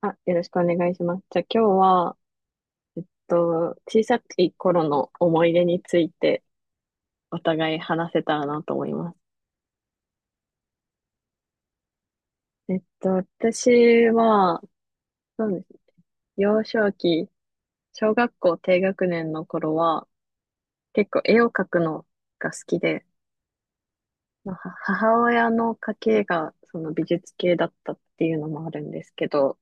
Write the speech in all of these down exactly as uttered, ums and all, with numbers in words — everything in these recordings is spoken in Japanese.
あ、よろしくお願いします。じゃあ今日は、と、小さい頃の思い出についてお互い話せたらなと思います。えっと、私は、そうですね。幼少期、小学校低学年の頃は、結構絵を描くのが好きで、まあは母親の家系がその美術系だったっていうのもあるんですけど、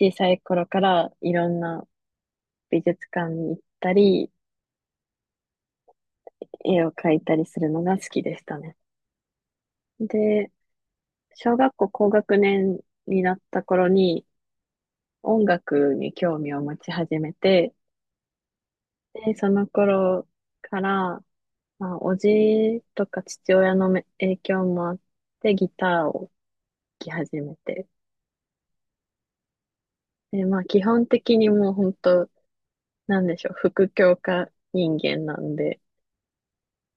小さい頃からいろんな美術館に行ったり、絵を描いたりするのが好きでしたね。で、小学校高学年になった頃に音楽に興味を持ち始めて、で、その頃から、まあ、おじとか父親のめ影響もあってギターを弾き始めて、で、まあ基本的にもう本当、なんでしょう、副教科人間なんで、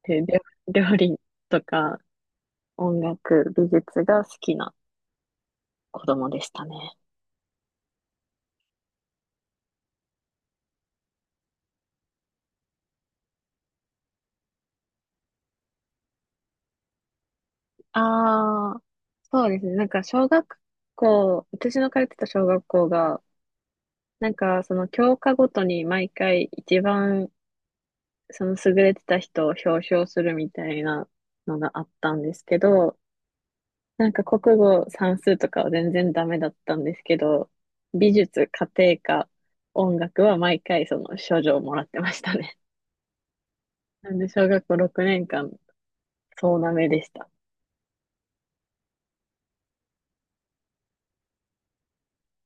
で、料料理とか音楽、美術が好きな子供でしたね。ああ、そうですね。なんか小学校、私の通ってた小学校が、なんかその教科ごとに毎回一番その優れてた人を表彰するみたいなのがあったんですけど、なんか国語算数とかは全然ダメだったんですけど、美術、家庭科、音楽は毎回その賞状をもらってましたね。なんで小学校ろくねんかん、そうなめでした。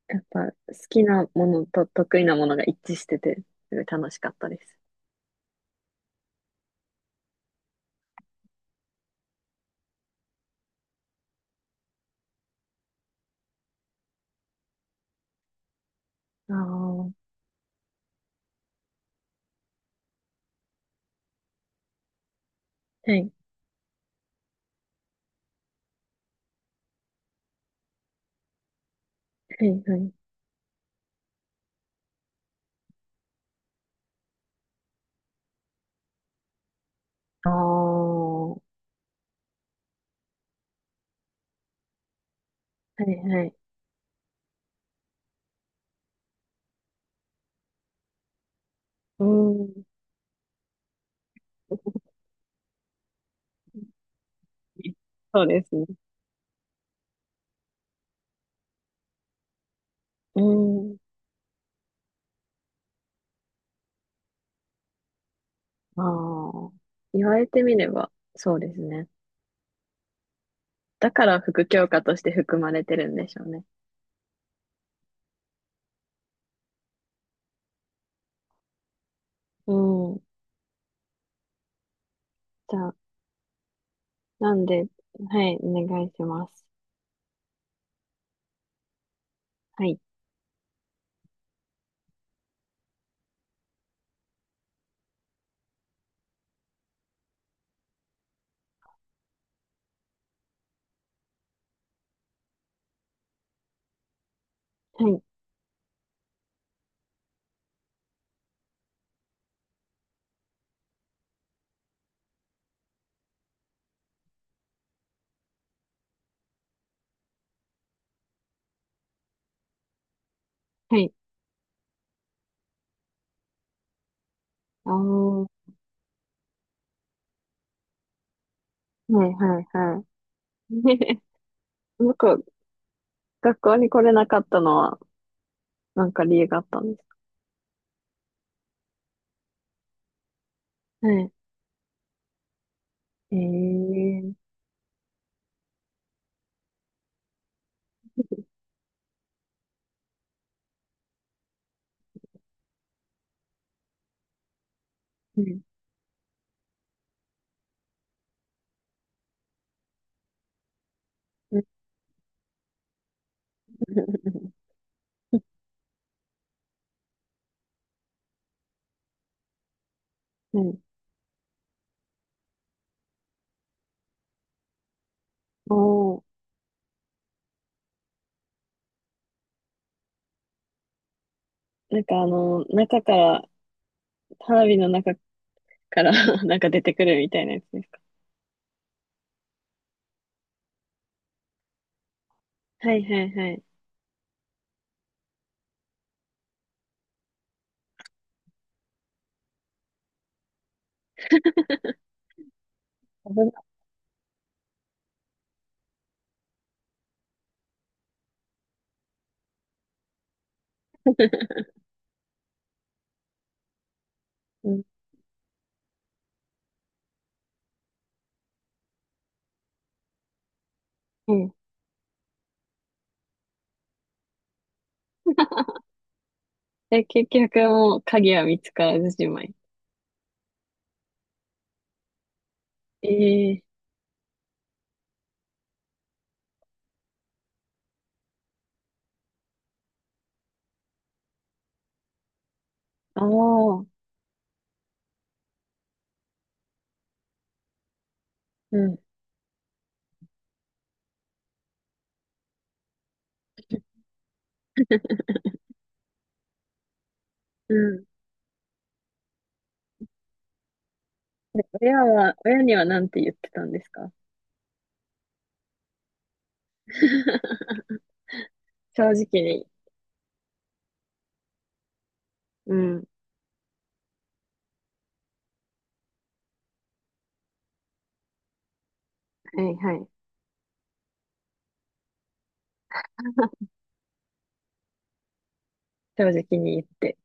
やっぱ好きなものと得意なものが一致してて、すごい楽しかったです。ああ、はい、はい、はい。ああ、はい、はい。い。うん。そうですね。うん。ああ、言われてみれば、そうですね。だから副教科として含まれてるんでしょうね。うん。じゃあ、なんで、はい、お願いします。はい、はい、はい。ああ、はい、はい、はい。僕、学校に来れなかったのは、なんか理由があったんですか？はい。えー。うん。うん。おー。なんかあの、中から、花火の中から なんか出てくるみたいなやつですか？はいはいはい。危なうん。うん。え、結局もう鍵は見つからずじまい？ええ。ああー、うん、うん。で、親は、親にはなんて言ってたんですか？ 正直に。うん、はいはい。正直に言って。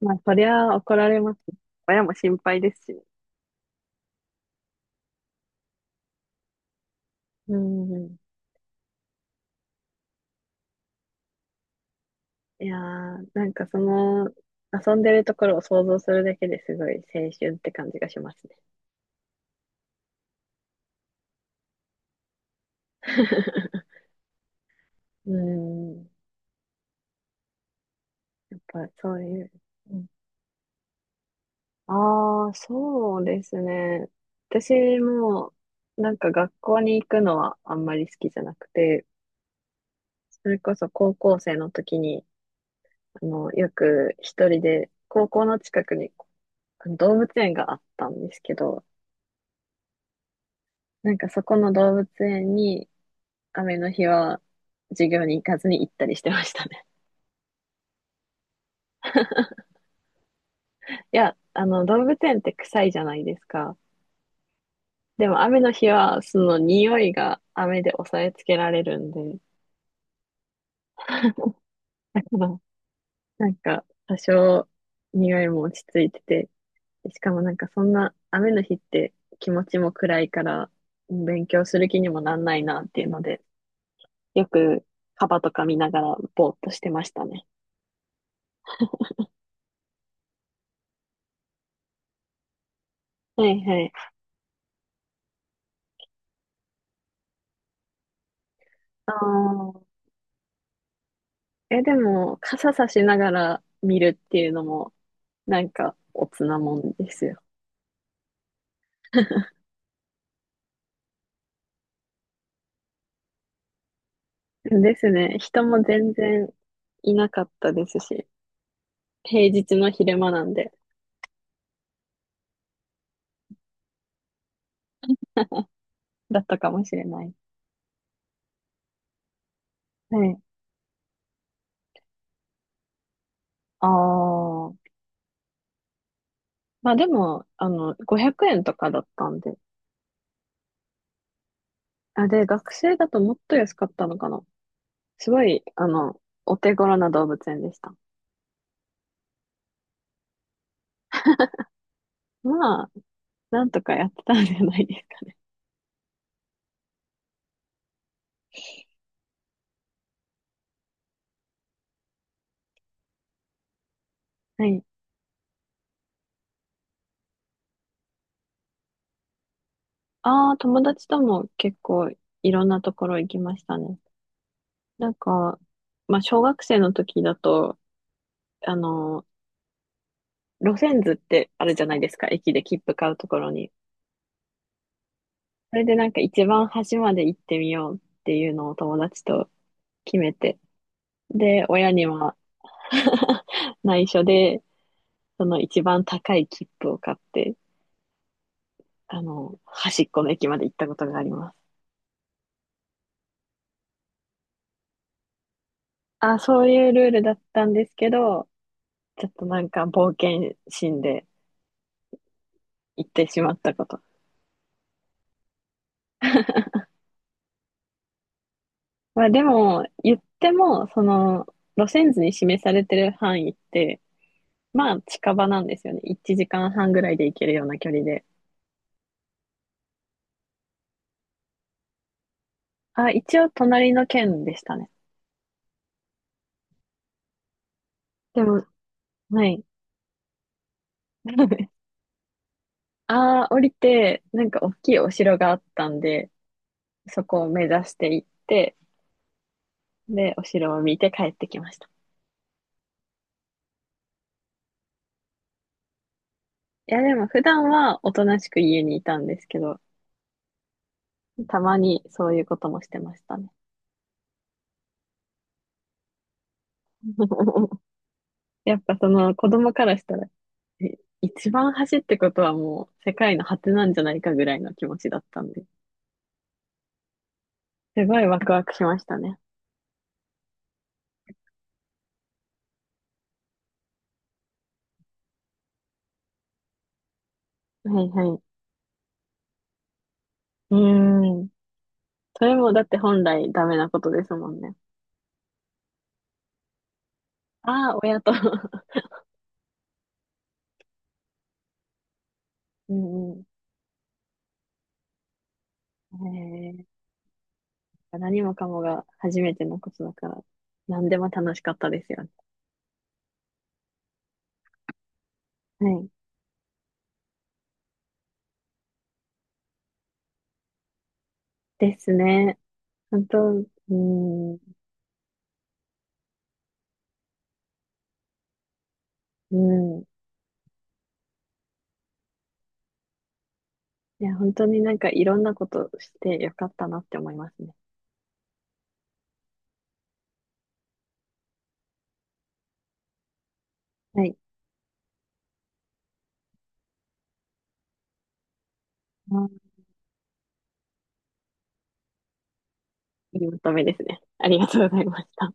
まあ、そりゃ怒られます。親も心配ですしね。うん。いやー、なんかその、遊んでるところを想像するだけですごい青春って感じがしますね。うん。やっぱそういう。ああー、そうですね。私も、なんか学校に行くのはあんまり好きじゃなくて、それこそ高校生の時に、あの、よく一人で、高校の近くにあの動物園があったんですけど、なんかそこの動物園に雨の日は授業に行かずに行ったりしてましたね。いや、あの動物園って臭いじゃないですか。でも雨の日はその匂いが雨で抑えつけられるんで、だからなんか多少匂いも落ち着いてて、しかもなんかそんな雨の日って気持ちも暗いから勉強する気にもなんないなっていうので、よくカバとか見ながらぼーっとしてましたね。はいはい。ああ。え、でも、傘さしながら見るっていうのも、なんか、おつなもんですよ。ですね。人も全然いなかったですし、平日の昼間なんで、だったかもしれない。はい。ああ。まあでも、あの、ごひゃくえんとかだったんで。あ、で、学生だともっと安かったのかな。すごい、あの、お手頃な動物園でした。まあ、なんとかやってたんじゃないですかね。はい。ああ、友達とも結構いろんなところ行きましたね。なんか、まあ、小学生の時だと、あの、路線図ってあるじゃないですか、駅で切符買うところに。それでなんか一番端まで行ってみようっていうのを友達と決めて。で、親には 内緒で、その一番高い切符を買って、あの、端っこの駅まで行ったことがあります。あ、そういうルールだったんですけど、ちょっとなんか冒険心で、行ってしまったこと。まあでも、言っても、その、路線図に示されてる範囲って、まあ近場なんですよね。いちじかんはんぐらいで行けるような距離で。あ、一応隣の県でしたね。でも、はい。ああ、降りて、なんか大きいお城があったんで、そこを目指して行って、で、お城を見て帰ってきました。いや、でも普段はおとなしく家にいたんですけど、たまにそういうこともしてましたね。やっぱその子供からしたらえ一番走ってことはもう世界の果てなんじゃないかぐらいの気持ちだったんで、すごいワクワクしましたね。はいはい。うーん。それもだって本来ダメなことですもんね。ああ、親と。うんうん。えー、何もかもが初めてのことだから、何でも楽しかったですよね。はい。ですね。本当、うーん、うん。いや、本当になんかいろんなことしてよかったなって思いますね。はい。うん。いいまとめですね。ありがとうございました。